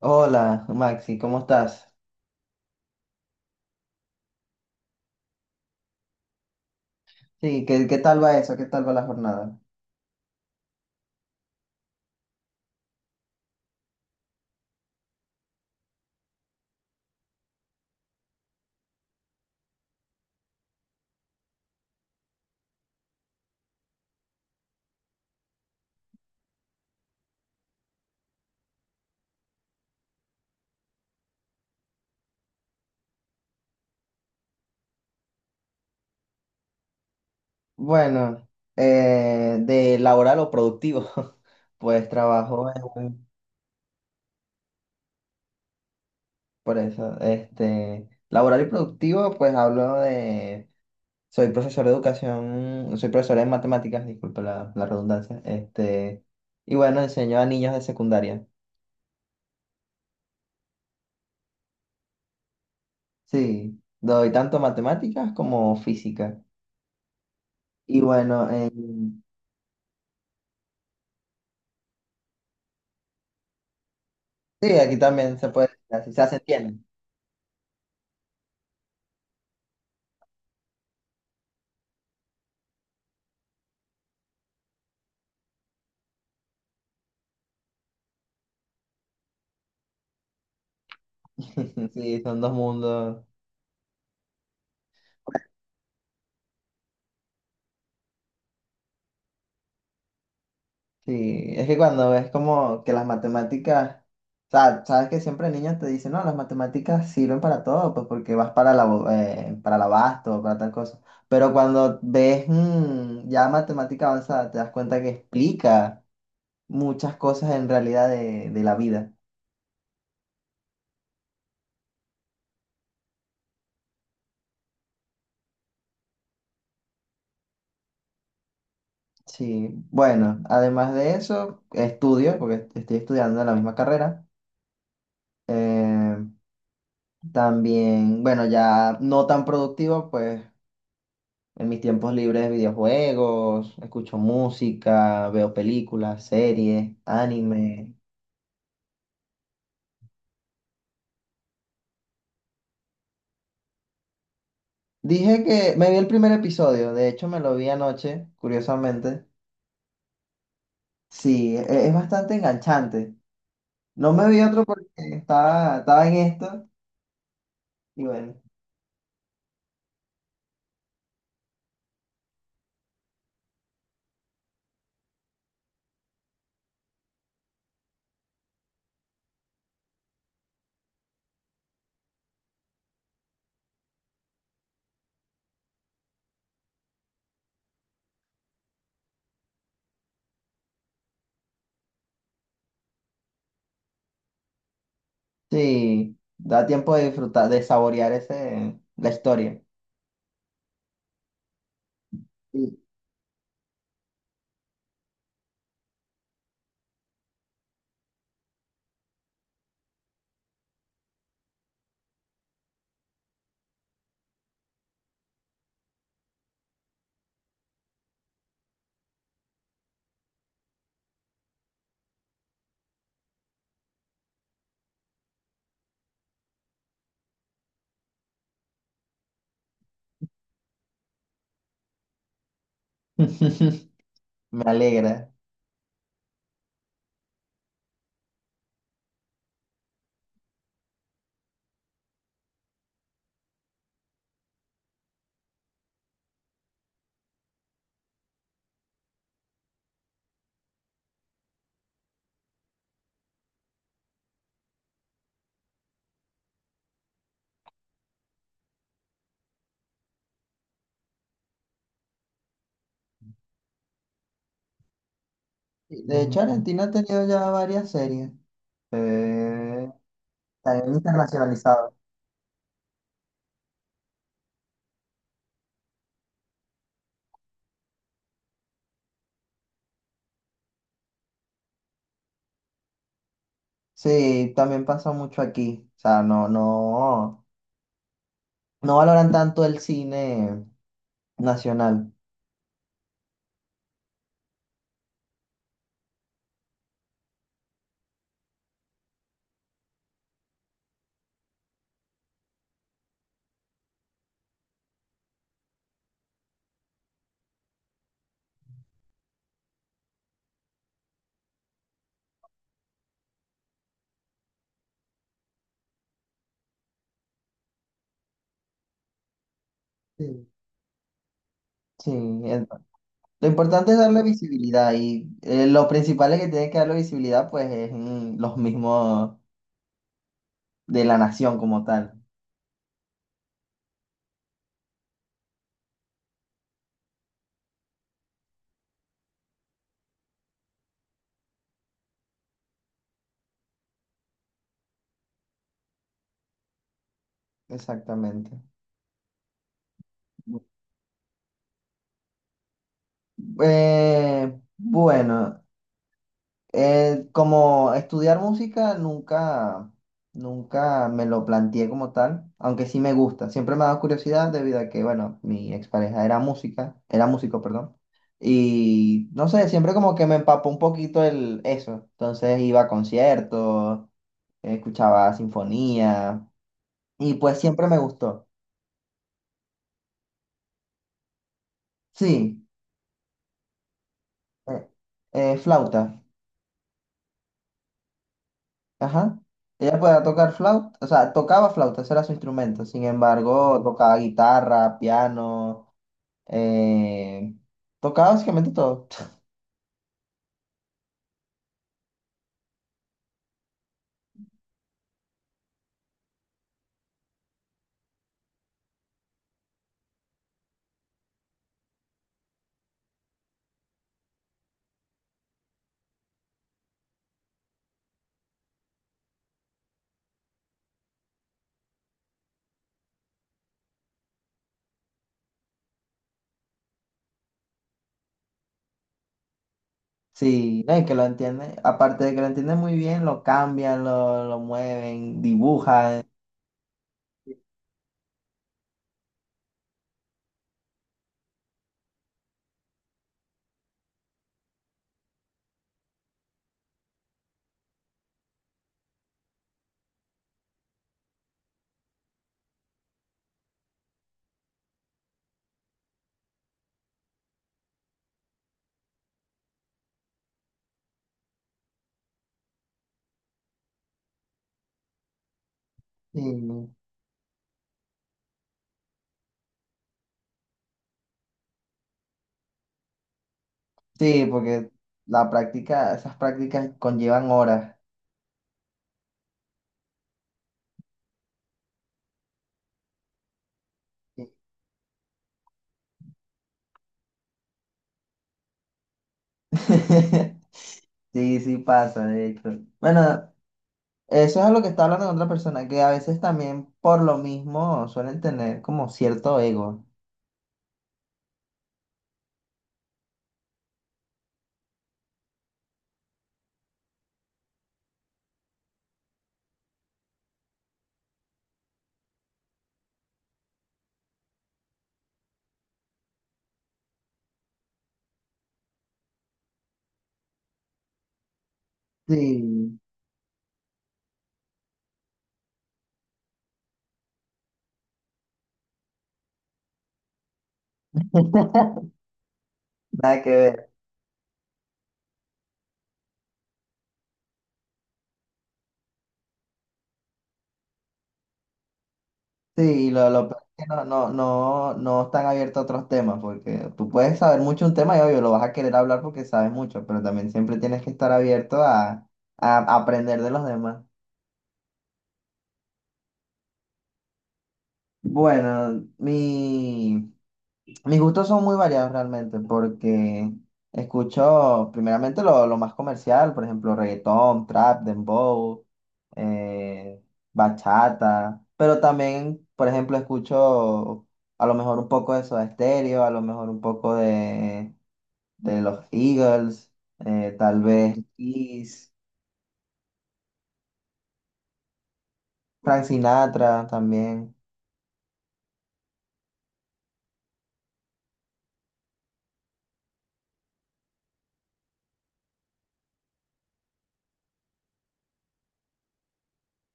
Hola, Maxi, ¿cómo estás? Sí, ¿qué tal va eso? ¿Qué tal va la jornada? Bueno, de laboral o productivo, pues trabajo en este, laboral y productivo, pues hablo de, soy profesor de educación, soy profesor de matemáticas, disculpa la redundancia, este, y bueno, enseño a niños de secundaria. Sí, doy tanto matemáticas como física. Y bueno, sí, aquí también se puede, así se hace. Sí, son dos mundos. Sí, es que cuando ves como que las matemáticas, o sea, sabes que siempre niños te dicen, no, las matemáticas sirven para todo, pues porque vas para para el abasto, para tal cosa. Pero cuando ves ya matemática avanzada, te das cuenta que explica muchas cosas en realidad de la vida. Sí, bueno, además de eso, estudio, porque estoy estudiando la misma carrera. Eh, también, bueno, ya no tan productivo, pues. En mis tiempos libres, videojuegos, escucho música, veo películas, series, anime. Dije que me vi el primer episodio, de hecho me lo vi anoche, curiosamente. Sí, es bastante enganchante. No me vi otro porque estaba en esto y bueno, sí, da tiempo de disfrutar, de saborear ese, la historia. Sí. Me alegra. De hecho, Argentina ha tenido ya varias series. Eh, también internacionalizado. Sí, también pasa mucho aquí. O sea, no, no valoran tanto el cine nacional. Sí. Sí, el- lo importante es darle visibilidad y lo principal es que tiene que darle visibilidad, pues es los mismos de la nación como tal. Exactamente. Bu- bueno, como estudiar música nunca me lo planteé como tal, aunque sí me gusta. Siempre me ha dado curiosidad debido a que, bueno, mi expareja era música, era músico, perdón. Y no sé, siempre como que me empapó un poquito el eso. Entonces iba a conciertos, escuchaba sinfonía y pues siempre me gustó. Sí, eh, flauta. Ajá. Ella podía tocar flauta, o sea, tocaba flauta, ese era su instrumento. Sin embargo, tocaba guitarra, piano, eh, tocaba básicamente todo. Sí, no, y que lo entiende. Aparte de que lo entiende muy bien, lo cambian, lo mueven, dibujan. Sí, sí, porque la práctica, esas prácticas conllevan horas. Sí, sí, sí pasa, de hecho. Bueno, eso es a lo que está hablando con otra persona, que a veces también por lo mismo suelen tener como cierto ego. Sí. Nada que ver. Sí, lo peor es que no están abiertos a otros temas, porque tú puedes saber mucho un tema y obvio lo vas a querer hablar porque sabes mucho, pero también siempre tienes que estar abierto a aprender de los demás. Bueno, mis gustos son muy variados realmente porque escucho primeramente lo más comercial, por ejemplo, reggaetón, trap, dembow, eh, bachata, pero también, por ejemplo, escucho a lo mejor un poco de Soda Stereo, a lo mejor un poco de los Eagles, tal vez Kiss, Frank Sinatra también.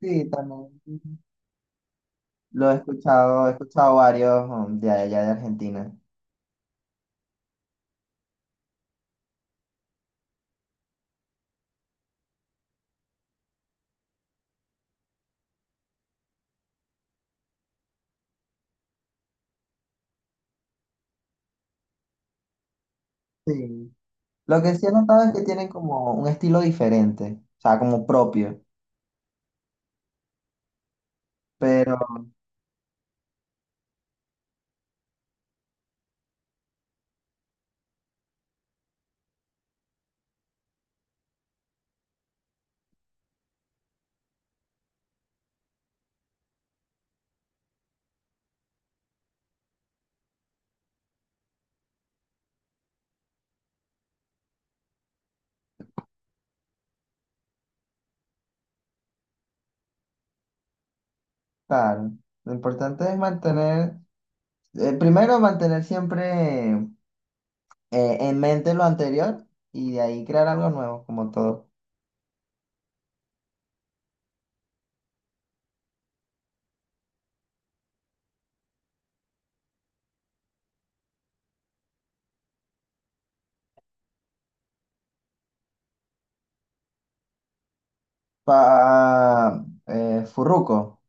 Sí, también. Lo he escuchado varios de allá de Argentina. Sí. Lo que sí he notado es que tienen como un estilo diferente, o sea, como propio. Pero, claro, lo importante es mantener, primero mantener siempre en mente lo anterior y de ahí crear algo nuevo, como todo. Furruco.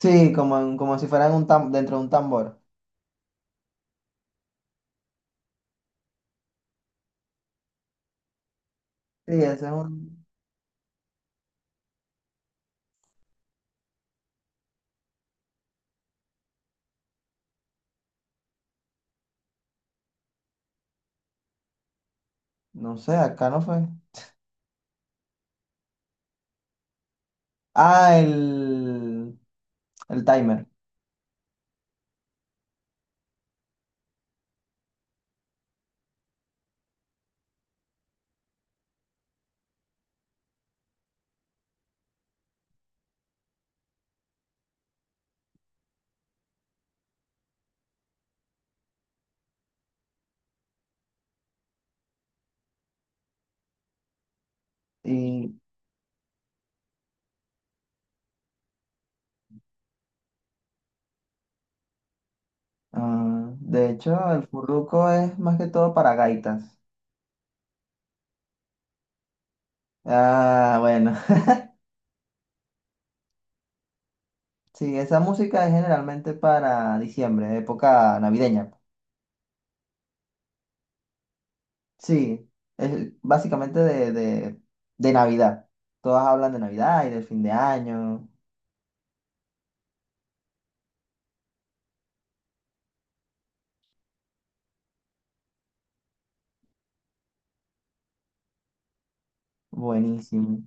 Sí, como, como si fueran un dentro de un tambor. Sí, ese es un, no sé, acá no fue. Ah, el, el timer. Y, ah, de hecho, el furruco es más que todo para gaitas. Ah, bueno. Sí, esa música es generalmente para diciembre, época navideña. Sí, es básicamente de Navidad. Todas hablan de Navidad y del fin de año. Buenísimo.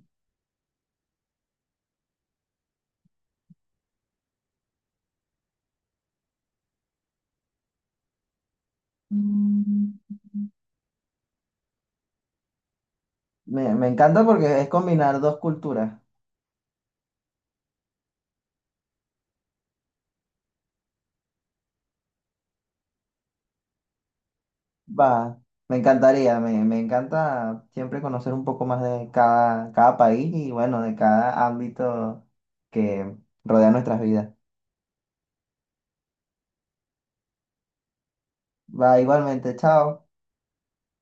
Mm. Me encanta porque es combinar dos culturas. Va, me encantaría, me encanta siempre conocer un poco más de cada país y bueno, de cada ámbito que rodea nuestras vidas. Va, igualmente, chao.